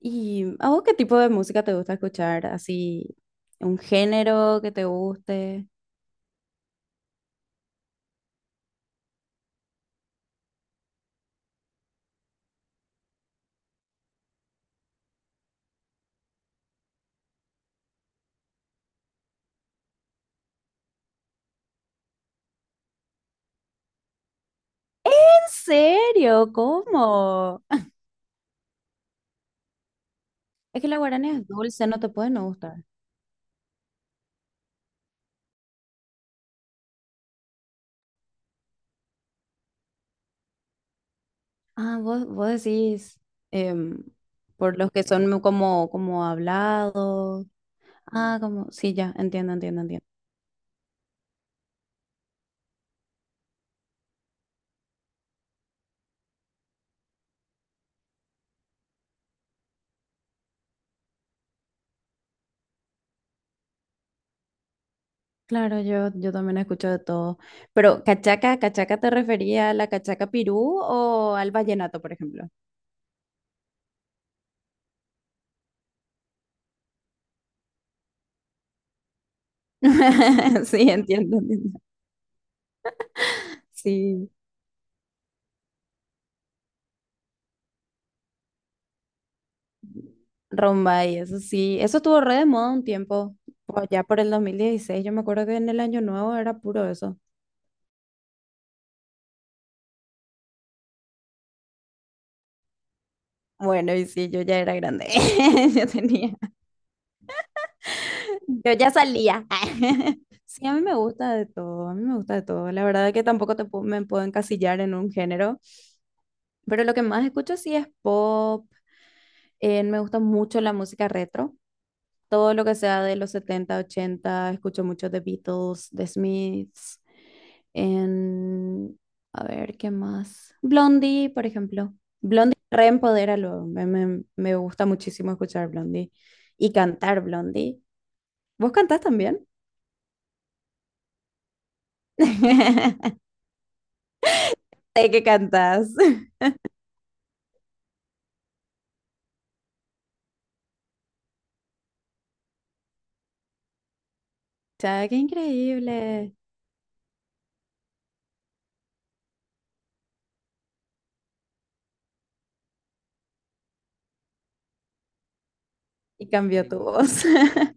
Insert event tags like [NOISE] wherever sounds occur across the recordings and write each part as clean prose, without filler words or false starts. ¿Y a vos qué tipo de música te gusta escuchar? ¿Así un género que te guste? ¿En serio? ¿Cómo? Es que la guarana es dulce, no te puede no gustar. Ah, vos decís em, por los que son como, como hablados. Ah, como, sí, ya, entiendo, entiendo, entiendo. Claro, yo también escucho de todo. Pero, ¿cachaca, cachaca te refería a la cachaca pirú o al vallenato, por ejemplo? [LAUGHS] Sí, entiendo, entiendo. Sí. Rombay, eso sí, eso estuvo re de moda un tiempo, por allá por el 2016. Yo me acuerdo que en el año nuevo era puro eso. Bueno, y sí, yo ya era grande, [LAUGHS] yo tenía, yo ya salía. [LAUGHS] Sí, a mí me gusta de todo, a mí me gusta de todo. La verdad que tampoco me puedo encasillar en un género, pero lo que más escucho sí es pop, me gusta mucho la música retro, todo lo que sea de los 70 80. Escucho mucho de Beatles, de Smiths. En, a ver, ¿qué más? Blondie, por ejemplo. Blondie reempodera. Me gusta muchísimo escuchar Blondie y cantar Blondie. ¿Vos cantás también? [LAUGHS] Sé que cantás. Ya, qué increíble. Y cambió tu sí voz. [LAUGHS]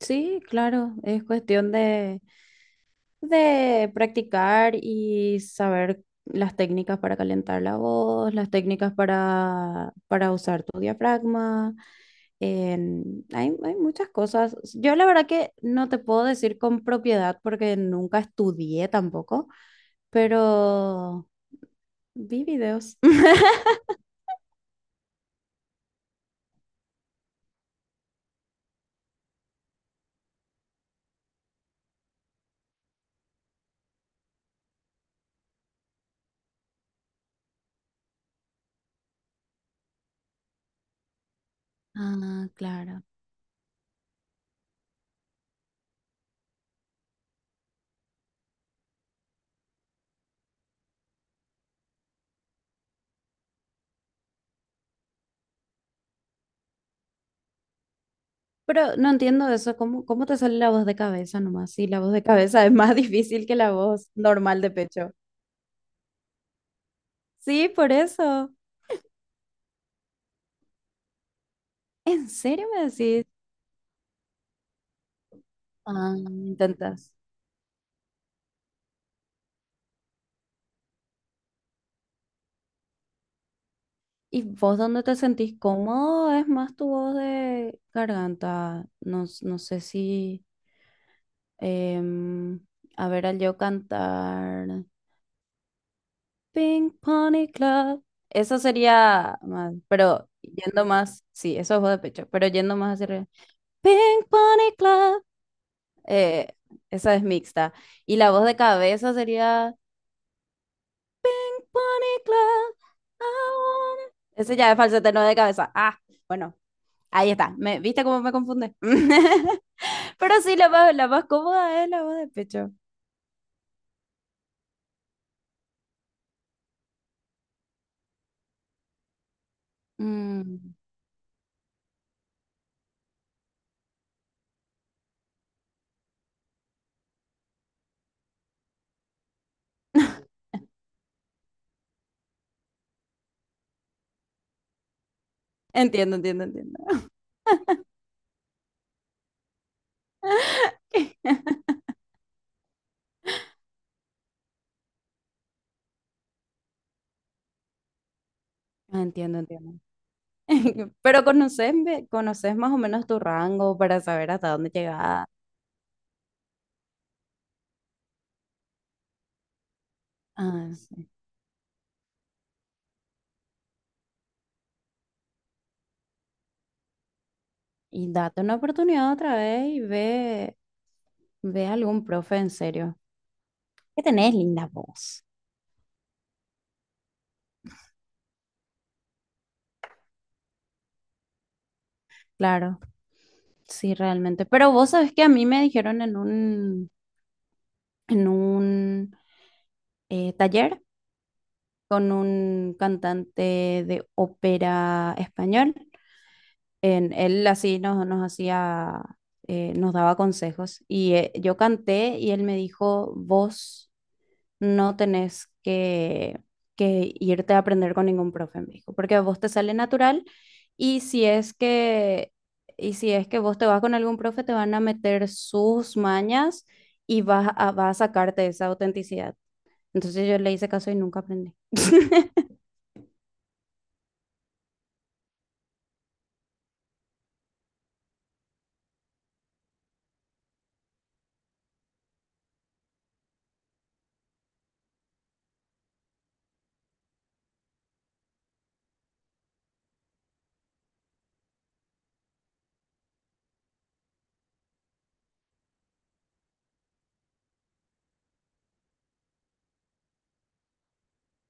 Sí, claro, es cuestión de practicar y saber las técnicas para calentar la voz, las técnicas para usar tu diafragma. Hay, hay muchas cosas. Yo la verdad que no te puedo decir con propiedad porque nunca estudié tampoco, pero vi videos. [LAUGHS] Ah, claro. Pero no entiendo eso, ¿cómo, cómo te sale la voz de cabeza nomás? Sí, la voz de cabeza es más [LAUGHS] difícil que la voz normal de pecho. Sí, por eso. ¿En serio me decís? Ah, intentas. ¿Y vos dónde te sentís cómodo? Es más tu voz de garganta. No, no sé si... em, a ver, al yo cantar... Pink Pony Club. Eso sería más, pero yendo más... Sí, eso es voz de pecho, pero yendo más hacia arriba. Pink Pony Club. eh, esa es mixta. Y la voz de cabeza sería... Bunny Club. Ese ya es falsete, no de cabeza. Ah, bueno, ahí está. ¿Viste cómo me confunde? [LAUGHS] Pero sí, la más cómoda es la voz de pecho. Mm. [LAUGHS] Entiendo, entiendo, entiendo. [LAUGHS] Entiendo, entiendo. [LAUGHS] Pero conoces, conoces más o menos tu rango para saber hasta dónde llegas. Ah, sí. Y date una oportunidad otra vez y ve a algún profe en serio. Que tenés linda voz. Claro. Sí, realmente. Pero vos sabés que a mí me dijeron en en un taller con un cantante de ópera español. Él así nos hacía, nos daba consejos. Y yo canté y él me dijo, vos no tenés que irte a aprender con ningún profe, me dijo, porque a vos te sale natural y y si es que vos te vas con algún profe, te van a meter sus mañas y vas a sacarte esa autenticidad. Entonces yo le hice caso y nunca aprendí.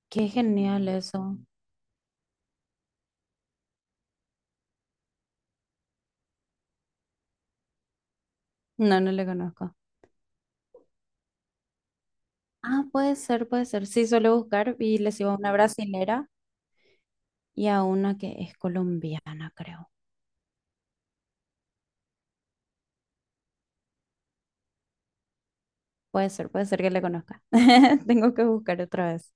Qué genial eso. No, no le conozco. Ah, puede ser, puede ser. Sí, suelo buscar y les iba a una brasilera y a una que es colombiana, creo. Puede ser que le conozca. [LAUGHS] Tengo que buscar otra vez.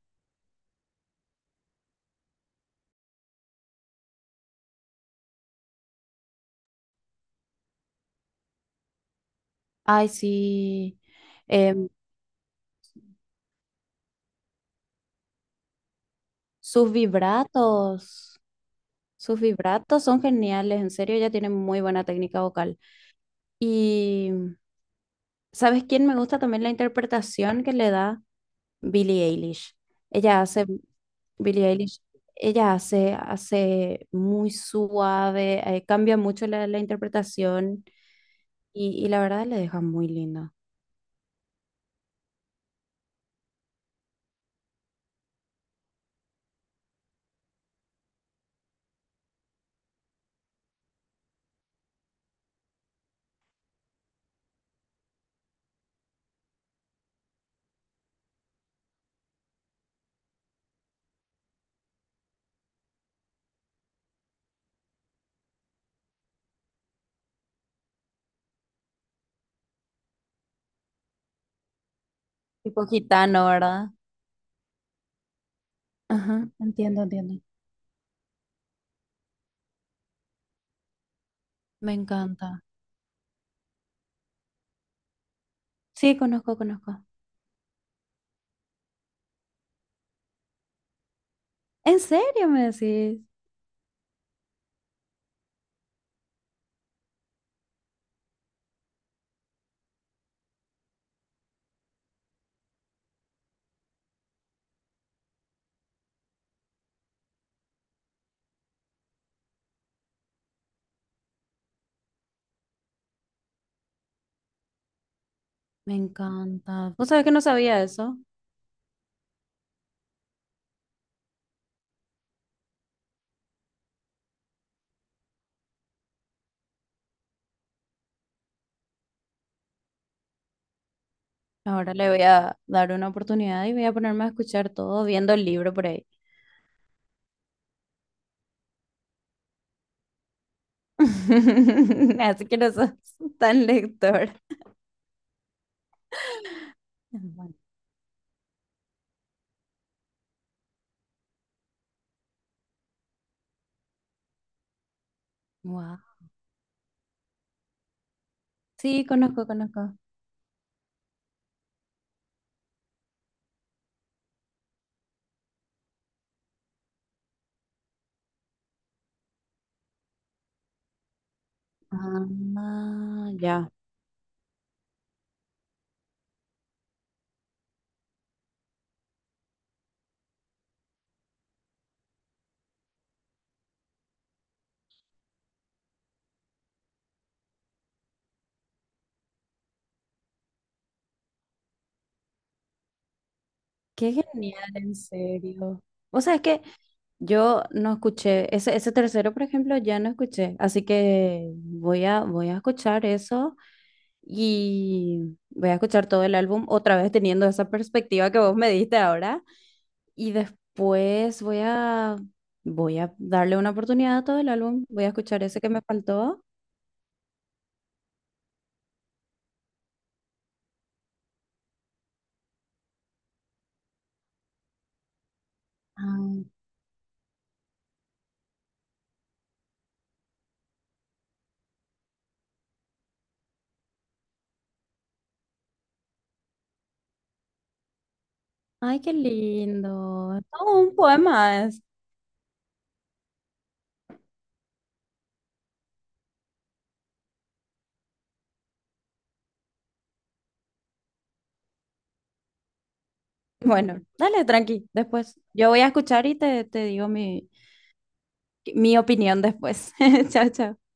Ay, sí. Em, sus vibratos, sus vibratos son geniales, en serio, ella tiene muy buena técnica vocal. Y ¿sabes quién me gusta también la interpretación que le da? Billie Eilish. Ella hace, Billie Eilish, ella hace, hace muy suave, cambia mucho la interpretación y la verdad le deja muy linda. Tipo gitano, ¿verdad? Ajá, entiendo, entiendo. Me encanta. Sí, conozco, conozco. ¿En serio me decís? Me encanta. Vos sabés que no sabía eso. Ahora le voy a dar una oportunidad y voy a ponerme a escuchar todo viendo el libro por ahí. [LAUGHS] Así que no sos tan lector. Bueno, guau. Sí, conozco, conozco. Ah, ya. Qué genial, en serio. O sea, es que yo no escuché, ese tercero, por ejemplo, ya no escuché, así que voy voy a escuchar eso y voy a escuchar todo el álbum otra vez teniendo esa perspectiva que vos me diste ahora. Y después voy voy a darle una oportunidad a todo el álbum. Voy a escuchar ese que me faltó. Ah, ay, qué lindo. Es todo un poema es. Bueno, dale, tranqui, después. Yo voy a escuchar y te digo mi, mi opinión después. [LAUGHS] Chao, chao.